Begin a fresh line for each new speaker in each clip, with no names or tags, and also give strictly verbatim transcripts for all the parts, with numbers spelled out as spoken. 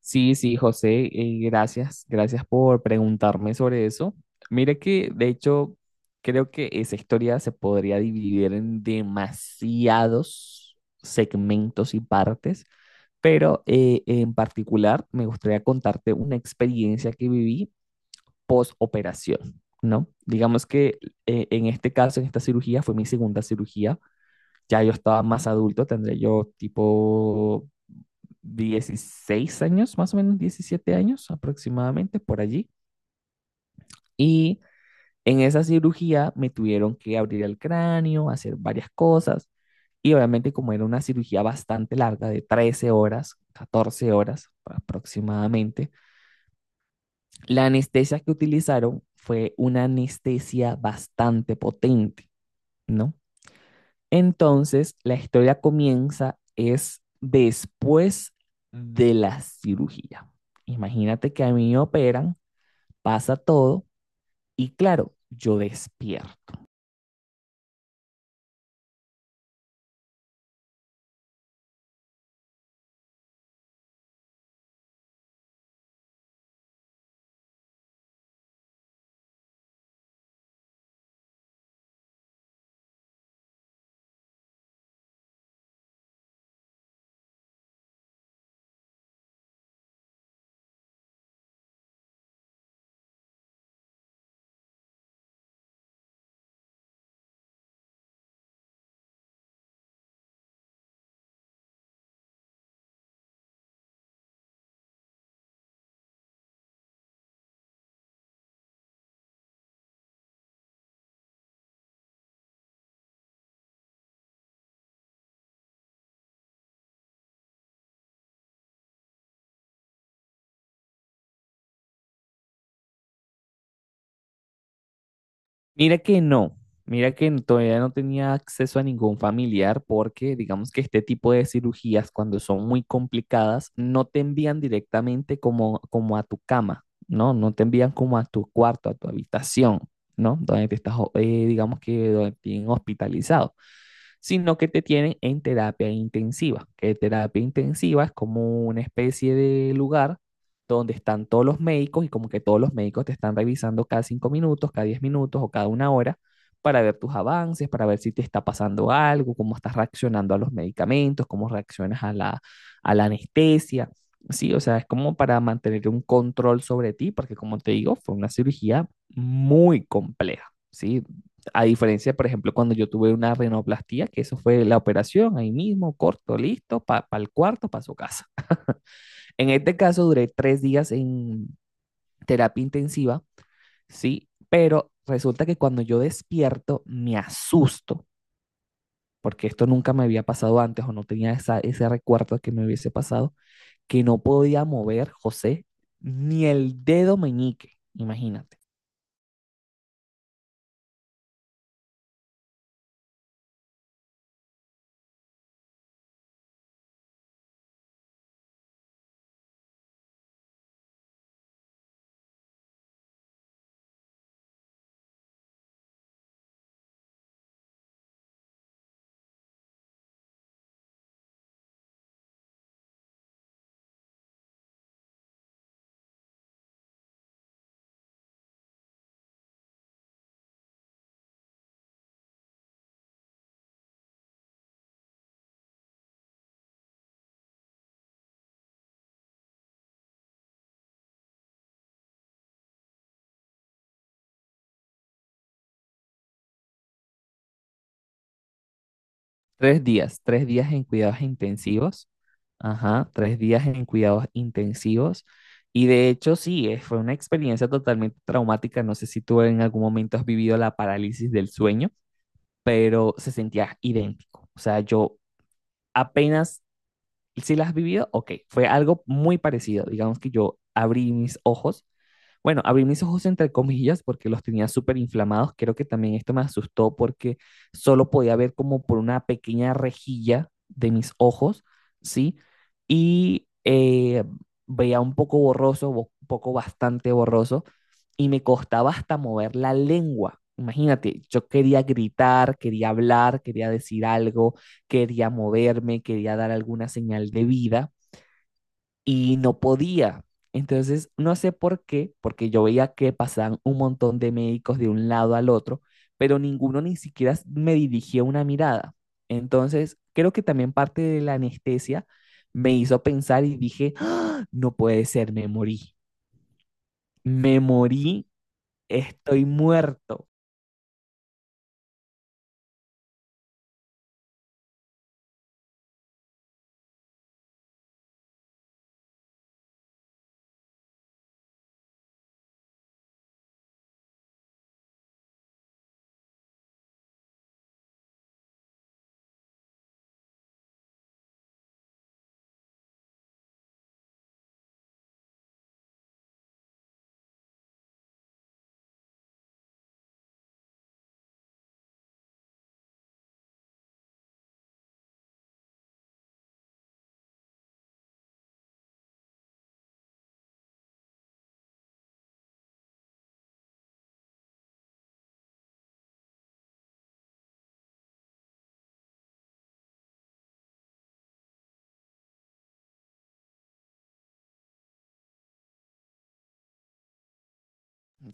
Sí, sí, José, eh, gracias, gracias por preguntarme sobre eso. Mire que, de hecho, creo que esa historia se podría dividir en demasiados segmentos y partes, pero eh, en particular me gustaría contarte una experiencia que viví post operación, ¿no? Digamos que eh, en este caso, en esta cirugía, fue mi segunda cirugía. Ya yo estaba más adulto, tendré yo tipo dieciséis años, más o menos diecisiete años aproximadamente, por allí. Y en esa cirugía me tuvieron que abrir el cráneo, hacer varias cosas. Y obviamente como era una cirugía bastante larga, de trece horas, catorce horas aproximadamente, la anestesia que utilizaron fue una anestesia bastante potente, ¿no? Entonces, la historia comienza es después de la cirugía. Imagínate que a mí me operan, pasa todo y claro, yo despierto. Mira que no, mira que todavía no tenía acceso a ningún familiar porque digamos que este tipo de cirugías cuando son muy complicadas no te envían directamente como, como a tu cama, ¿no? No te envían como a tu cuarto, a tu habitación, ¿no? Donde te estás, ho- eh, digamos que donde te tienen hospitalizado, sino que te tienen en terapia intensiva, que terapia intensiva es como una especie de lugar donde están todos los médicos y como que todos los médicos te están revisando cada cinco minutos, cada diez minutos o cada una hora para ver tus avances, para ver si te está pasando algo, cómo estás reaccionando a los medicamentos, cómo reaccionas a la, a la anestesia. Sí, o sea, es como para mantener un control sobre ti, porque como te digo, fue una cirugía muy compleja, ¿sí? A diferencia, por ejemplo, cuando yo tuve una rinoplastía, que eso fue la operación ahí mismo, corto, listo, para pa el cuarto, para su casa. En este caso duré tres días en terapia intensiva, ¿sí? Pero resulta que cuando yo despierto me asusto, porque esto nunca me había pasado antes o no tenía esa, ese recuerdo que me hubiese pasado, que no podía mover, José, ni el dedo meñique, imagínate. Tres días, tres días en cuidados intensivos, ajá, tres días en cuidados intensivos. Y de hecho, sí, eh, fue una experiencia totalmente traumática. No sé si tú en algún momento has vivido la parálisis del sueño, pero se sentía idéntico. O sea, yo apenas, si las has vivido, ok, fue algo muy parecido. Digamos que yo abrí mis ojos, bueno, abrí mis ojos entre comillas porque los tenía súper inflamados. Creo que también esto me asustó porque solo podía ver como por una pequeña rejilla de mis ojos, ¿sí? Y eh, veía un poco borroso, bo- un poco bastante borroso, y me costaba hasta mover la lengua. Imagínate, yo quería gritar, quería hablar, quería decir algo, quería moverme, quería dar alguna señal de vida, y no podía. Entonces, no sé por qué, porque yo veía que pasaban un montón de médicos de un lado al otro, pero ninguno ni siquiera me dirigía una mirada. Entonces, creo que también parte de la anestesia me hizo pensar y dije, "¡Ah! No puede ser, me morí, me morí, estoy muerto".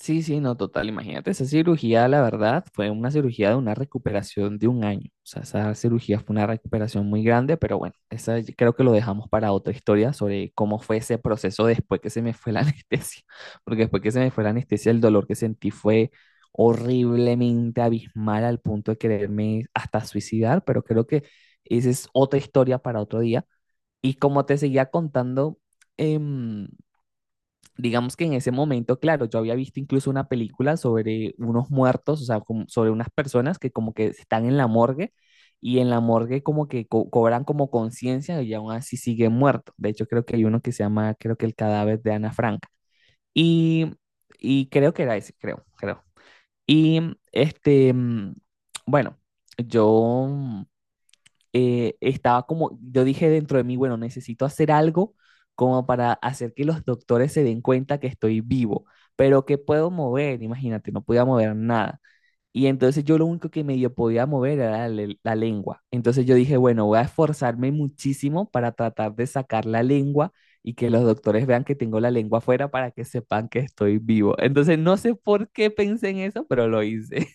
Sí, sí, no, total. Imagínate, esa cirugía, la verdad, fue una cirugía de una recuperación de un año. O sea, esa cirugía fue una recuperación muy grande, pero bueno, esa yo creo que lo dejamos para otra historia sobre cómo fue ese proceso después que se me fue la anestesia. Porque después que se me fue la anestesia, el dolor que sentí fue horriblemente abismal al punto de quererme hasta suicidar, pero creo que esa es otra historia para otro día. Y como te seguía contando, em, digamos que en ese momento, claro, yo había visto incluso una película sobre unos muertos, o sea, como- sobre unas personas que como que están en la morgue y en la morgue como que co- cobran como conciencia y aún así siguen muertos. De hecho, creo que hay uno que se llama, creo que el cadáver de Ana Frank. Y, y creo que era ese, creo, creo. Y este, mm, bueno, yo mm, eh, estaba como, yo dije dentro de mí, bueno, necesito hacer algo como para hacer que los doctores se den cuenta que estoy vivo, pero que puedo mover, imagínate, no podía mover nada. Y entonces yo lo único que medio podía mover era la, le- la lengua. Entonces yo dije, bueno, voy a esforzarme muchísimo para tratar de sacar la lengua y que los doctores vean que tengo la lengua afuera para que sepan que estoy vivo. Entonces no sé por qué pensé en eso, pero lo hice.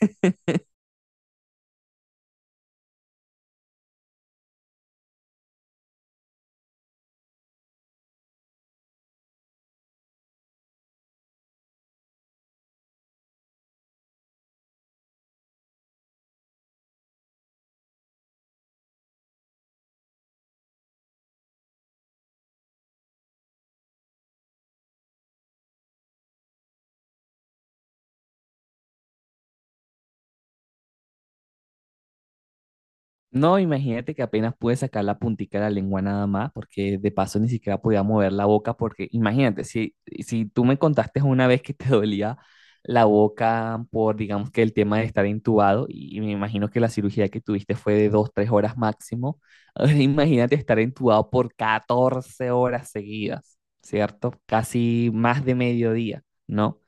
No, imagínate que apenas pude sacar la puntica de la lengua nada más, porque de paso ni siquiera podía mover la boca, porque imagínate, si, si tú me contaste una vez que te dolía la boca por, digamos que el tema de estar intubado, y, me imagino que la cirugía que tuviste fue de dos, tres horas máximo, ahora imagínate estar intubado por catorce horas seguidas, ¿cierto? Casi más de mediodía, ¿no?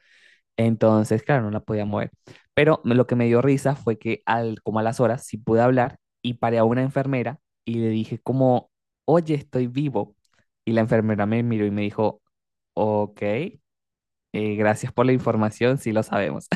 Entonces, claro, no la podía mover. Pero me- lo que me dio risa fue que al, como a las horas sí pude hablar y paré a una enfermera y le dije como, oye, estoy vivo. Y la enfermera me miró y me dijo, ok, eh, gracias por la información, sí lo sabemos.